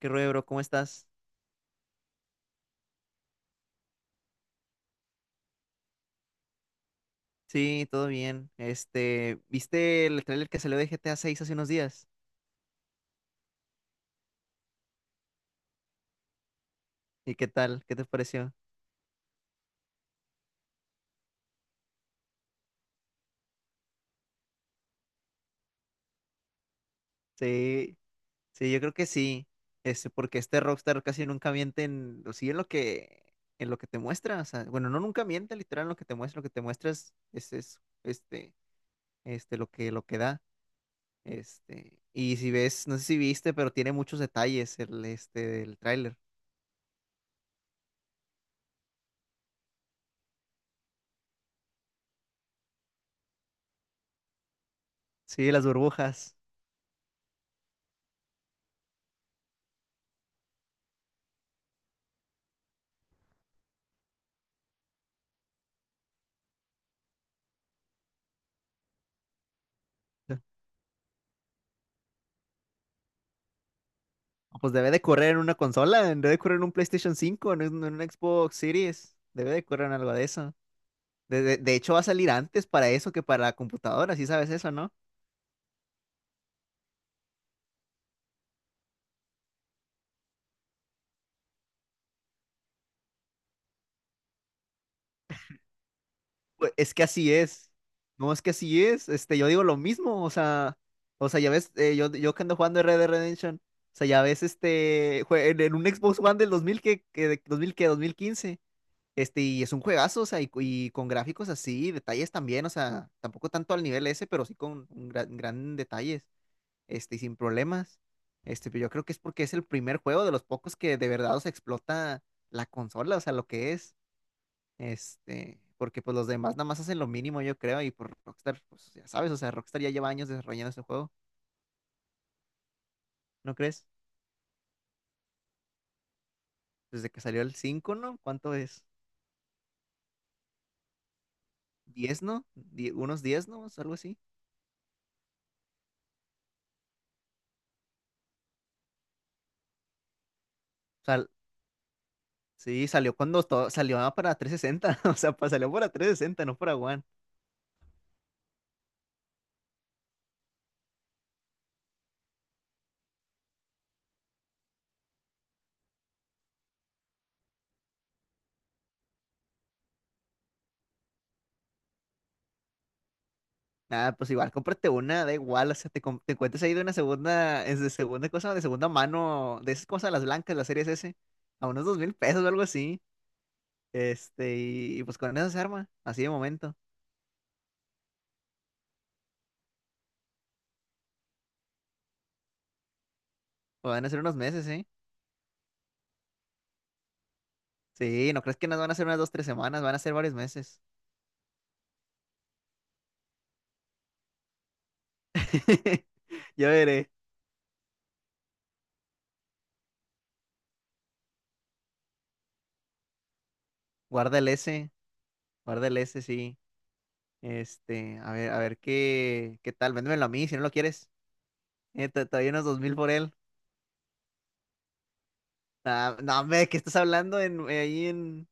¿Qué rollo, bro? ¿Cómo estás? Sí, todo bien. ¿Viste el tráiler que salió de GTA 6 hace unos días? ¿Y qué tal? ¿Qué te pareció? Sí, sí, yo creo que sí. Porque Rockstar casi nunca miente o sí, en lo que te muestra. O sea, bueno, no nunca miente, literal, en lo que te muestra, lo que te muestras es, lo que da. Y si ves, no sé si viste, pero tiene muchos detalles del tráiler. Sí, las burbujas. Pues debe de correr en una consola, debe de correr en un PlayStation 5, en un Xbox Series, debe de correr en algo de eso. De hecho, va a salir antes para eso que para la computadora, sí sabes eso, ¿no? Pues es que así es. No, es que así es. Yo digo lo mismo, o sea, ya ves, yo que ando jugando Red Dead Redemption, o sea, ya ves, en un Xbox One del 2000 que, de- 2000 que 2015, y es un juegazo, o sea, y con gráficos así, detalles también, o sea, tampoco tanto al nivel ese, pero sí con un gran detalles. Y sin problemas. Pero yo creo que es porque es el primer juego de los pocos que de verdad os explota la consola, o sea, lo que es, porque pues los demás nada más hacen lo mínimo, yo creo, y por Rockstar, pues ya sabes, o sea, Rockstar ya lleva años desarrollando ese juego, ¿no crees? Desde que salió el 5, ¿no? ¿Cuánto es? 10, ¿no? Unos 10, ¿no? Algo así. O sea, sí, salió cuando todo, salió para 360 o sea, salió para 360, no para One. Nada, pues igual, cómprate una, da igual, o sea, te encuentres ahí de una segunda, es de segunda cosa, de segunda mano, de esas cosas, las blancas, las Series S, a unos 2,000 pesos o algo así, y pues con esas armas, así de momento, o van a ser unos meses, ¿eh? Sí, no crees que nos van a ser unas dos, tres semanas, van a ser varios meses. Yo veré, guarda el S, guarda el S, sí, a ver qué tal, véndemelo a mí si no lo quieres, te doy unos 2,000 por él. Ah, no, hombre, ¿qué estás hablando en, ahí en...?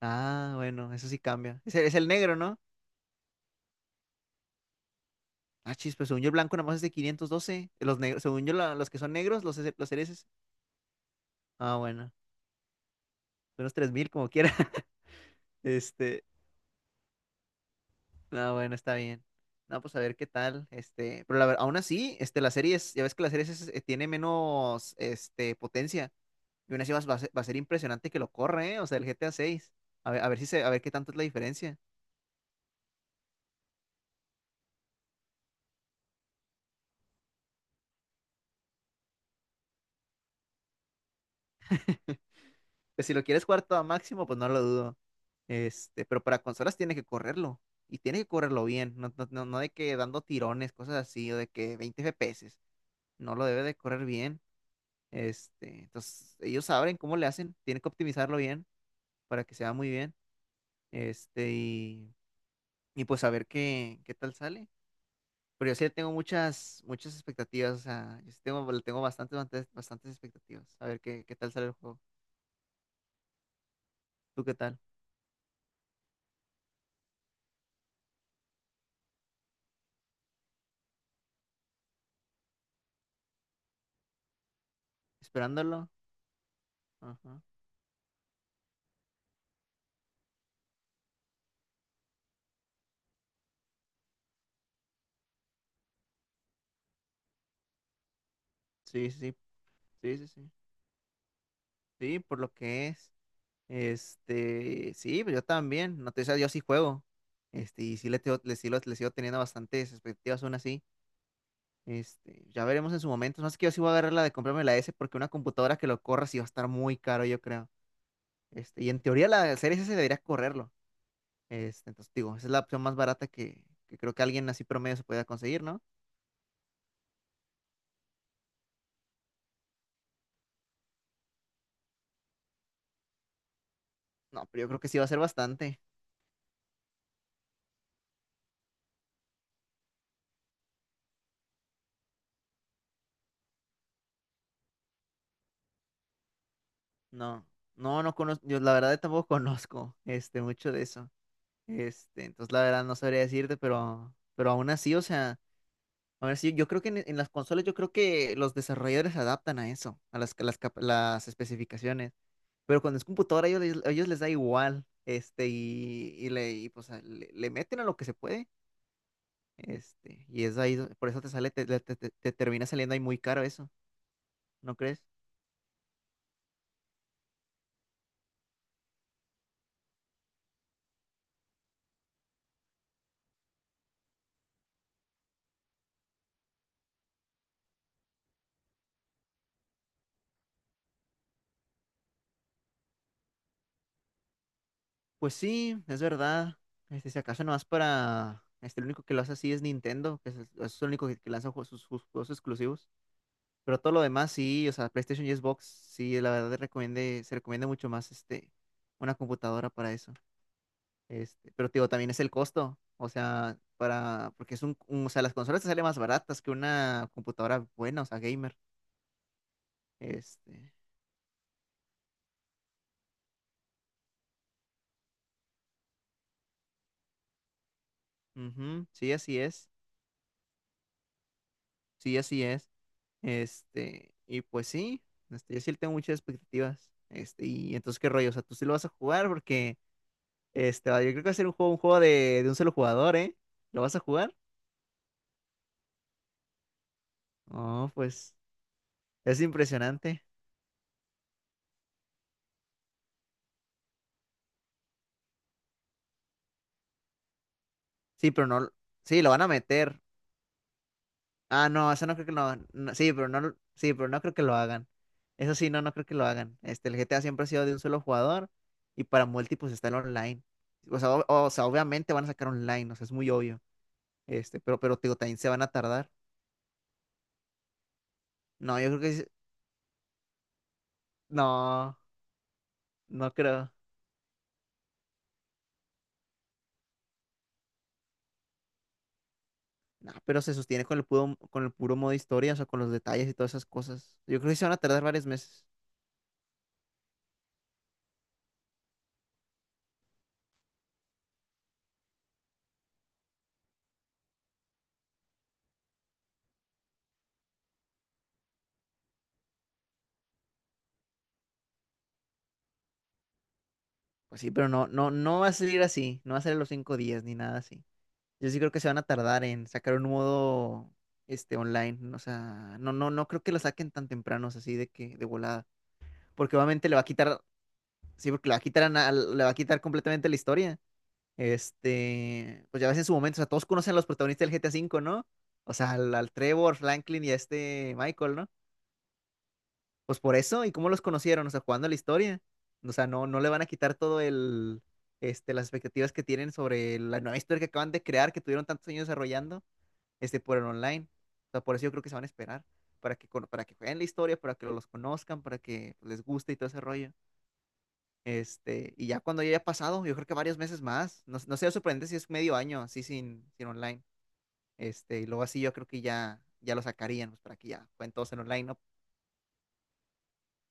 Ah, bueno, eso sí cambia. Es el negro, ¿no? Ah, chis, pues según yo el blanco nada más es de 512. Los negros, según yo los que son negros, los cereces. Ah, bueno, unos 3,000 como quiera. Este, no, bueno, está bien. No, pues a ver qué tal. Pero aún así, la serie es, ya ves que tiene menos, potencia. Y aún así va a ser impresionante que lo corra, ¿eh? O sea, el GTA 6. A 6. A ver si se, a ver qué tanto es la diferencia. Pues si lo quieres jugar todo a máximo, pues no lo dudo. Pero para consolas tiene que correrlo. Y tiene que correrlo bien. No, no, no, no de que dando tirones, cosas así, o de que 20 FPS. No lo debe de correr bien. Entonces, ellos saben cómo le hacen. Tienen que optimizarlo bien para que sea muy bien. Este, y, y pues a ver qué tal sale. Pero yo sí le tengo muchas, muchas expectativas. O sea, yo sí tengo, le tengo bastantes, bastantes, bastantes expectativas. A ver qué tal sale el juego. ¿Tú qué tal? ¿Esperándolo? Ajá. Sí, sí. Sí, sí, sí. Sí, por lo que es. Sí, pero yo también. No te, o sea, yo sí juego. Y sí le, tengo- le sigo teniendo bastantes expectativas aún así. Ya veremos en su momento. No sé que yo sí voy a agarrar la de comprarme la S porque una computadora que lo corra sí va a estar muy caro, yo creo. Y en teoría la Series S debería correrlo. Entonces digo, esa es la opción más barata que creo que alguien así promedio se pueda conseguir, ¿no? No, pero yo creo que sí va a ser bastante. No, no, no conozco, yo la verdad tampoco conozco mucho de eso. Entonces la verdad no sabría decirte, pero aún así, o sea, aún así, yo creo que en las consolas, yo creo que los desarrolladores se adaptan a eso, a las, las especificaciones. Pero cuando es computadora, a ellos les da igual, le meten a lo que se puede, y es ahí, por eso te sale, te termina saliendo ahí muy caro eso, ¿no crees? Pues sí, es verdad. Si acaso nomás para, el único que lo hace así es Nintendo, es el único que lanza sus juegos exclusivos. Pero todo lo demás sí, o sea, PlayStation y Xbox, sí, la verdad se recomienda mucho más una computadora para eso. Pero te digo, también es el costo, o sea, para, porque es o sea, las consolas te salen más baratas que una computadora buena, o sea, gamer. Este, ujú, sí, así es, sí, así es. Y pues sí, yo sí le tengo muchas expectativas. Y entonces, ¿qué rollo? O sea, tú sí lo vas a jugar porque, yo creo que va a ser un juego de un solo jugador, ¿eh? ¿Lo vas a jugar? No, pues. Es impresionante. Sí, pero no. Sí, lo van a meter. Ah, no, eso no creo que lo. No, sí, pero no. Sí, pero no creo que lo hagan. Eso sí, no, no creo que lo hagan. El GTA siempre ha sido de un solo jugador y para múltiples está el online. O sea, o sea, obviamente van a sacar online, o sea, es muy obvio. Pero te digo, también se van a tardar. No, yo creo que no, no creo. No, pero se sostiene con el puro, modo historia, o sea, con los detalles y todas esas cosas. Yo creo que sí se van a tardar varios meses. Pues sí, pero no, no, no va a salir así, no va a salir los 5 días ni nada así. Yo sí creo que se van a tardar en sacar un modo online. O sea, no, no, no creo que lo saquen tan temprano, o sea, así de que, de volada. Porque obviamente le va a quitar, sí, porque le va a quitar le va a quitar completamente la historia. Pues ya ves en su momento, o sea, todos conocen a los protagonistas del GTA 5, ¿no? O sea, al Trevor, Franklin y a este Michael, ¿no? Pues por eso, ¿y cómo los conocieron? O sea, jugando a la historia. O sea, no, no le van a quitar todo el, las expectativas que tienen sobre la nueva historia que acaban de crear, que tuvieron tantos años desarrollando, por el online. O sea, por eso yo creo que se van a esperar, para para que jueguen la historia, para que los conozcan, para que les guste y todo ese rollo. Y ya cuando ya haya pasado, yo creo que varios meses más, no, no sería sorprendente si es medio año así sin online. Y luego así yo creo que ya lo sacarían, pues para que ya jueguen todos en online, ¿no?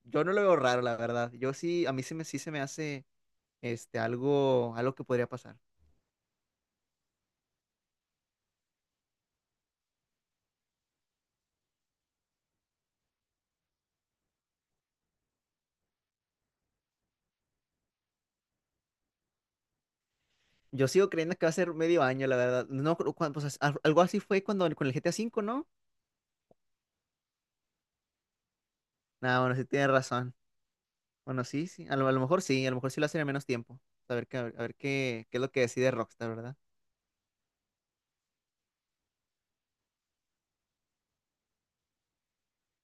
Yo no lo veo raro, la verdad. Yo sí, a mí sí, sí se me hace algo que podría pasar. Yo sigo creyendo que va a ser medio año, la verdad. No, creo pues, algo así fue cuando con el GTA V, ¿no? Nah, bueno, sí tienes razón. Bueno, sí, sí. A lo mejor sí, a lo mejor sí lo hacen en menos tiempo. A ver, a ver, qué es lo que decide Rockstar, ¿verdad?